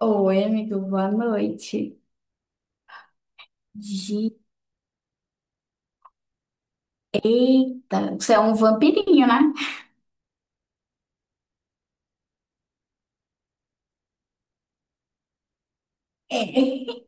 Oi, amigo, boa noite. Gi- Eita, você é um vampirinho, né? É.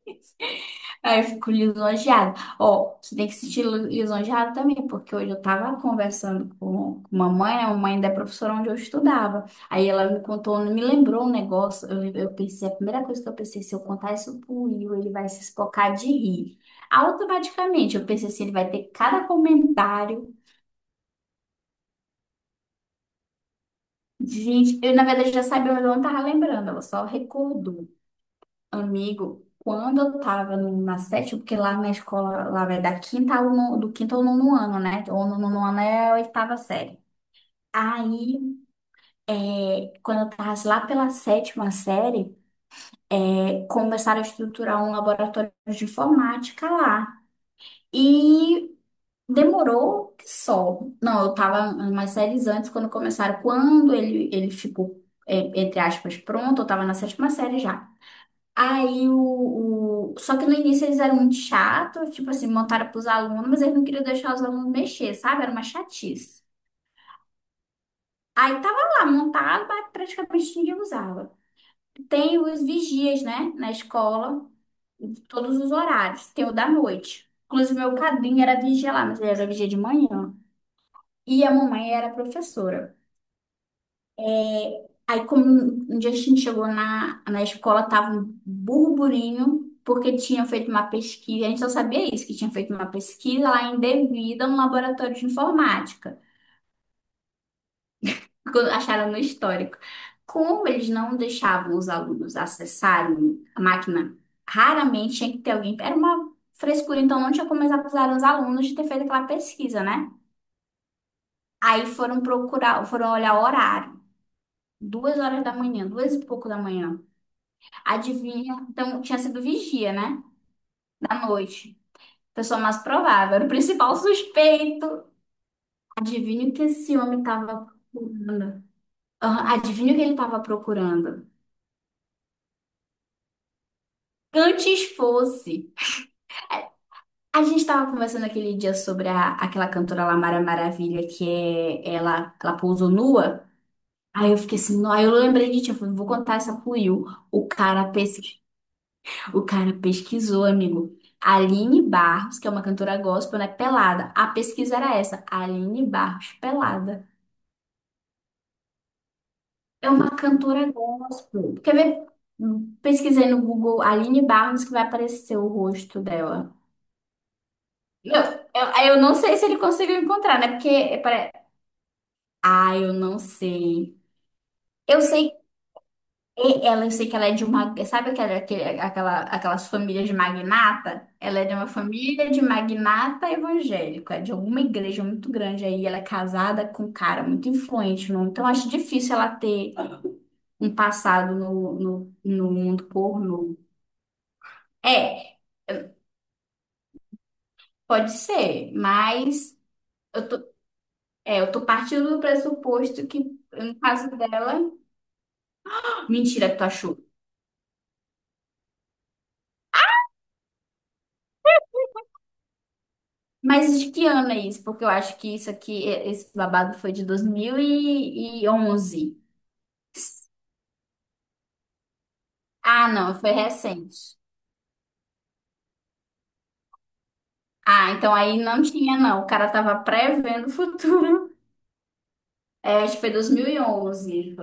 Aí eu fico lisonjeada. Ó, você tem que se sentir lisonjeada também, porque hoje eu tava conversando com uma mãe, a mãe da professora onde eu estudava. Aí ela me contou, me lembrou um negócio. Eu pensei, a primeira coisa que eu pensei, se eu contar isso pro Will, ele vai se espocar de rir. Automaticamente, eu pensei assim, ele vai ter cada comentário. Gente, eu na verdade já sabia, mas eu não tava lembrando, ela só recordou. Amigo, quando eu tava na sétima, porque lá na escola, lá vai da quinta ao nono, do quinto ao nono ano, né? Ou no nono ano é a oitava série. Aí, quando eu tava lá pela sétima série, começaram a estruturar um laboratório de informática lá. E demorou que só. Não, eu tava umas séries antes quando começaram. Quando ele ficou, entre aspas, pronto, eu tava na sétima série já. Aí só que no início eles eram muito chatos, tipo assim, montaram pros alunos, mas eles não queriam deixar os alunos mexer, sabe? Era uma chatice. Aí tava lá montado, mas praticamente ninguém usava. Tem os vigias, né, na escola, todos os horários. Tem o da noite. Inclusive, meu padrinho era vigia lá, mas ele era vigia de manhã. E a mamãe era professora. Aí, como um dia a gente chegou na escola, tava um burburinho, porque tinha feito uma pesquisa, a gente só sabia isso, que tinha feito uma pesquisa lá indevida no laboratório de informática, que acharam no histórico. Como eles não deixavam os alunos acessarem a máquina, raramente tinha que ter alguém. Era uma frescura, então não tinha como eles acusarem os alunos de ter feito aquela pesquisa, né? Aí foram procurar, foram olhar o horário. 2 horas da manhã, duas e pouco da manhã. Adivinha? Então, tinha sido vigia, né? Da noite. Pessoa mais provável. Era o principal suspeito. Adivinha o que esse homem estava procurando? Ah, adivinha o que ele estava procurando? Antes fosse. A gente estava conversando aquele dia sobre aquela cantora lá, Mara Maravilha, que é, ela pousou nua. Aí eu fiquei assim, não, aí eu lembrei de ti, eu falei, vou contar essa pro Will. O cara pesquisou. O cara pesquisou, amigo. Aline Barros, que é uma cantora gospel, né? Pelada. A pesquisa era essa. Aline Barros, pelada. É uma cantora gospel. Quer ver? Pesquisei no Google Aline Barros que vai aparecer o rosto dela. Eu não sei se ele conseguiu encontrar, né? Ah, eu não sei. Eu sei. E ela, eu sei que ela é de uma. Sabe aquelas famílias de magnata? Ela é de uma família de magnata evangélico, é de alguma igreja muito grande aí. Ela é casada com um cara muito influente, não? Então acho difícil ela ter um passado no mundo pornô. É, pode ser, mas eu tô, eu tô partindo do pressuposto que no caso dela. Mentira que tu achou. Mas de que ano é isso? Porque eu acho que isso aqui, esse babado foi de 2011. Ah, não, foi recente. Ah, então aí não tinha, não. O cara tava prevendo o futuro. É, acho que foi 2011.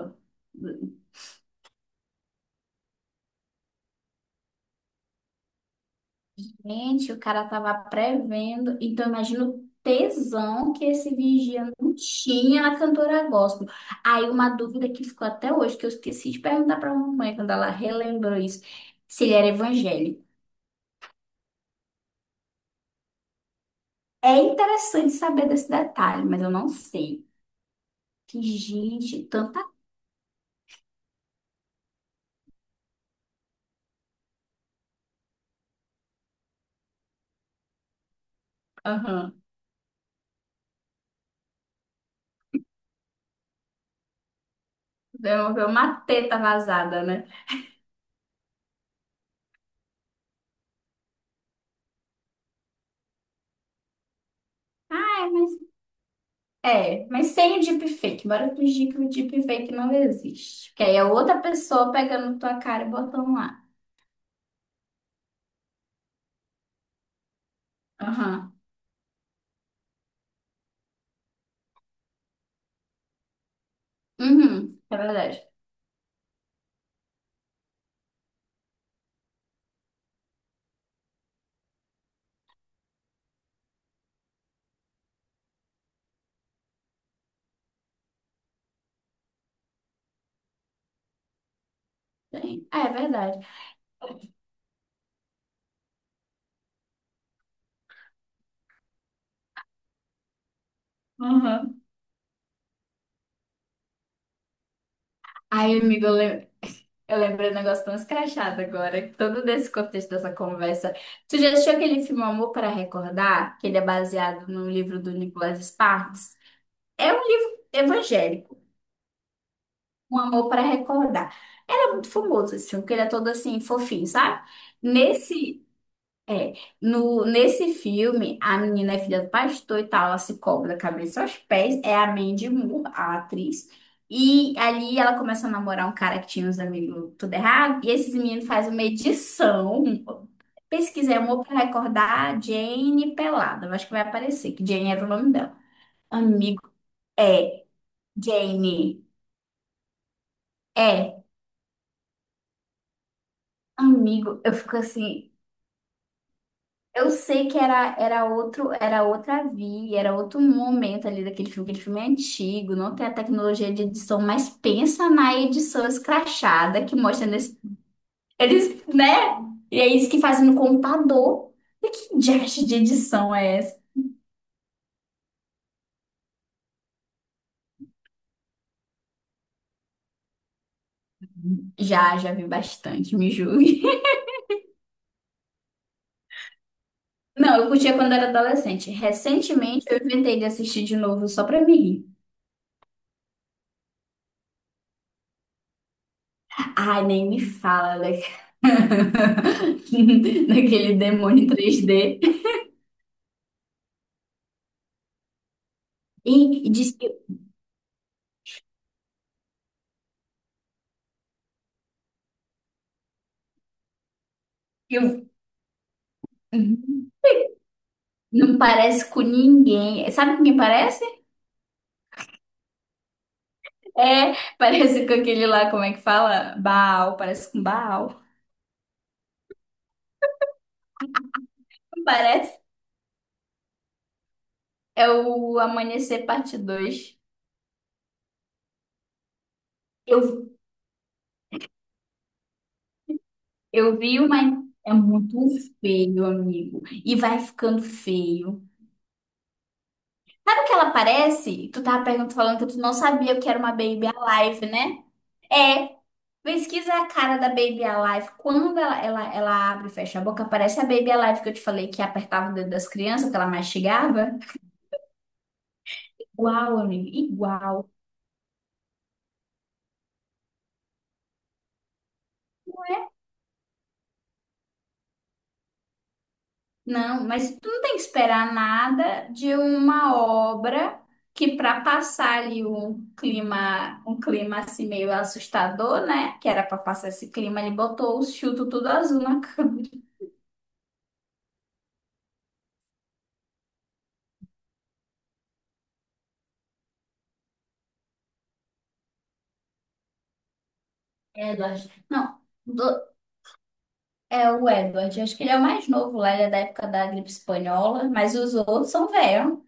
Gente, o cara tava prevendo. Então, imagina o tesão que esse vigia não tinha na cantora gospel. Aí, uma dúvida que ficou até hoje, que eu esqueci de perguntar pra mamãe quando ela relembrou isso, se ele era evangélico. É interessante saber desse detalhe, mas eu não sei. Que gente, tanta. Aham. Deu uma teta vazada, né? Ah, é, mas. É, mas sem o deepfake. Bora fingir que o deepfake não existe. Que aí é outra pessoa pegando tua cara e botando lá. Aham. Uhum. É verdade. Tem. Ah, é verdade. Aham. Ai, amigo, eu lembrei um negócio tão escrachado agora, todo desse contexto dessa conversa. Tu já assistiu aquele filme Amor para Recordar? Que ele é baseado no livro do Nicholas Sparks? É um livro evangélico, Um Amor para Recordar. Ele é muito famoso esse filme, porque ele é todo assim, fofinho, sabe? Nesse, é, no, nesse filme, a menina é filha do pastor e tal, ela se cobra da cabeça aos pés, é a Mandy Moore, a atriz. E ali ela começa a namorar um cara que tinha uns amigos tudo errado, e esses meninos fazem uma edição, pesquisei amor pra recordar Jane Pelada, eu acho que vai aparecer, que Jane era o nome dela. Amigo, é, Jane, é, amigo, eu fico assim, eu sei que era outro, era outra via, era outro momento ali daquele filme, aquele filme é antigo, não tem a tecnologia de edição, mas pensa na edição escrachada que mostra nesse, eles, né? E é isso que fazem no computador. E que diacho de edição é essa? Já, já vi bastante, me julgue. Não, eu curtia quando era adolescente. Recentemente eu inventei de assistir de novo só pra me rir. Ai, nem me fala, né? Daquele demônio 3D. E, diz que, que eu uhum, não parece com ninguém. Sabe com quem parece? É, parece com aquele lá, como é que fala? Baal, parece com Baal. Não parece? É o Amanhecer Parte dois. Eu, eu vi uma. É muito feio, amigo. E vai ficando feio. Sabe o que ela parece? Tu tava perguntando, falando que tu não sabia o que era uma Baby Alive, né? É, pesquisa a cara da Baby Alive. Quando ela abre e fecha a boca, parece a Baby Alive que eu te falei que apertava o dedo das crianças, que ela mastigava. Igual, amigo, igual. Não, mas tu não tem que esperar nada de uma obra que, para passar ali um clima, assim meio assustador, né? Que era para passar esse clima, ele botou o chuto tudo azul na câmera. É, Eduardo. Não. É o Edward, acho que ele é o mais novo lá, ele é da época da gripe espanhola, mas os outros são velhos.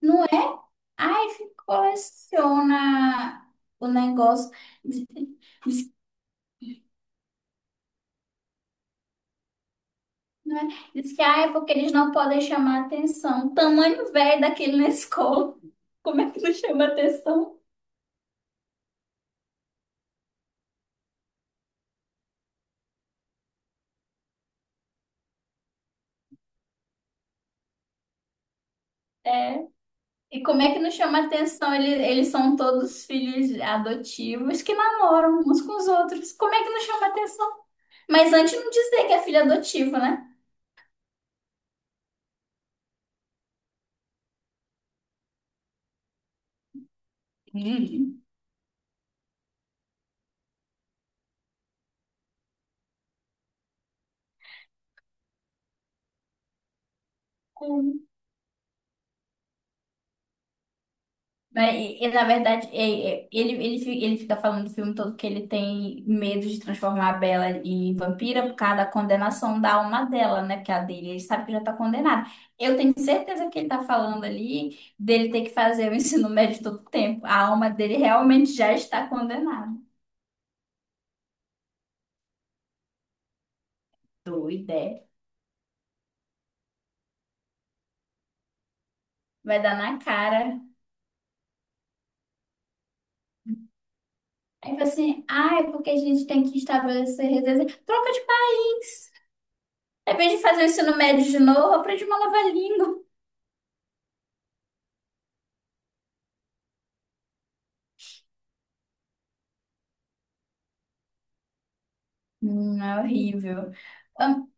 Não é? Ai, que coleciona o negócio. Diz, diz- não é? Diz que ah, é porque eles não podem chamar atenção. Tamanho velho daquele na escola. Como é que não chama atenção? É. E como é que não chama atenção? Eles são todos filhos adotivos que namoram uns com os outros. Como é que não chama atenção? Mas antes não dizer que é filho adotivo, né? Sim. Mas, na verdade, ele fica falando do filme todo que ele tem medo de transformar a Bella em vampira por causa da condenação da alma dela, né? Que é a dele, ele sabe que já tá condenado. Eu tenho certeza que ele tá falando ali dele ter que fazer o ensino médio todo o tempo. A alma dele realmente já está condenada. Doida. É. Vai dar na cara. Aí fala assim, ah, é porque a gente tem que estabelecer redes. Troca de país. Ao invés de fazer o ensino médio de novo, aprende uma nova língua. É horrível. Hum.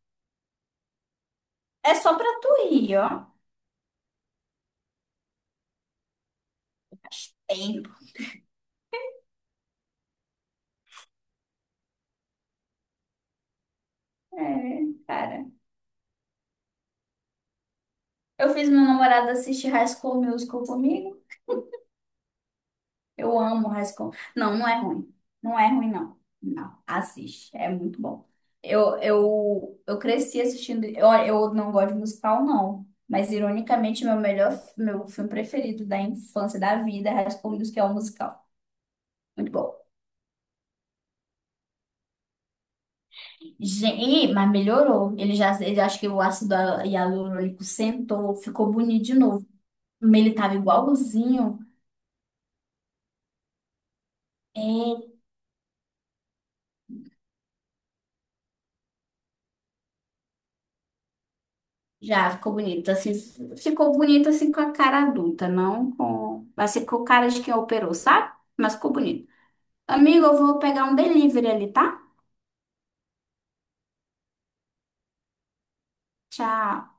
É só pra tu rir, ó. Tempo. É, cara. Eu fiz meu namorado assistir High School Musical comigo. Eu amo High School. Não, não é ruim. Não é ruim, não. Não, assiste. É muito bom. Eu cresci assistindo. Eu não gosto de musical, não. Mas, ironicamente, meu melhor, meu filme preferido da infância, da vida, é High School Musical, é o musical. Muito bom. Gente, mas melhorou. Ele acho que o ácido hialurônico sentou, ficou bonito de novo. Ele tava igualzinho. É, já ficou bonito. Assim, ficou bonito assim com a cara adulta, não com. Mas ficou cara de quem operou, sabe? Mas ficou bonito. Amigo, eu vou pegar um delivery ali, tá? Tchau.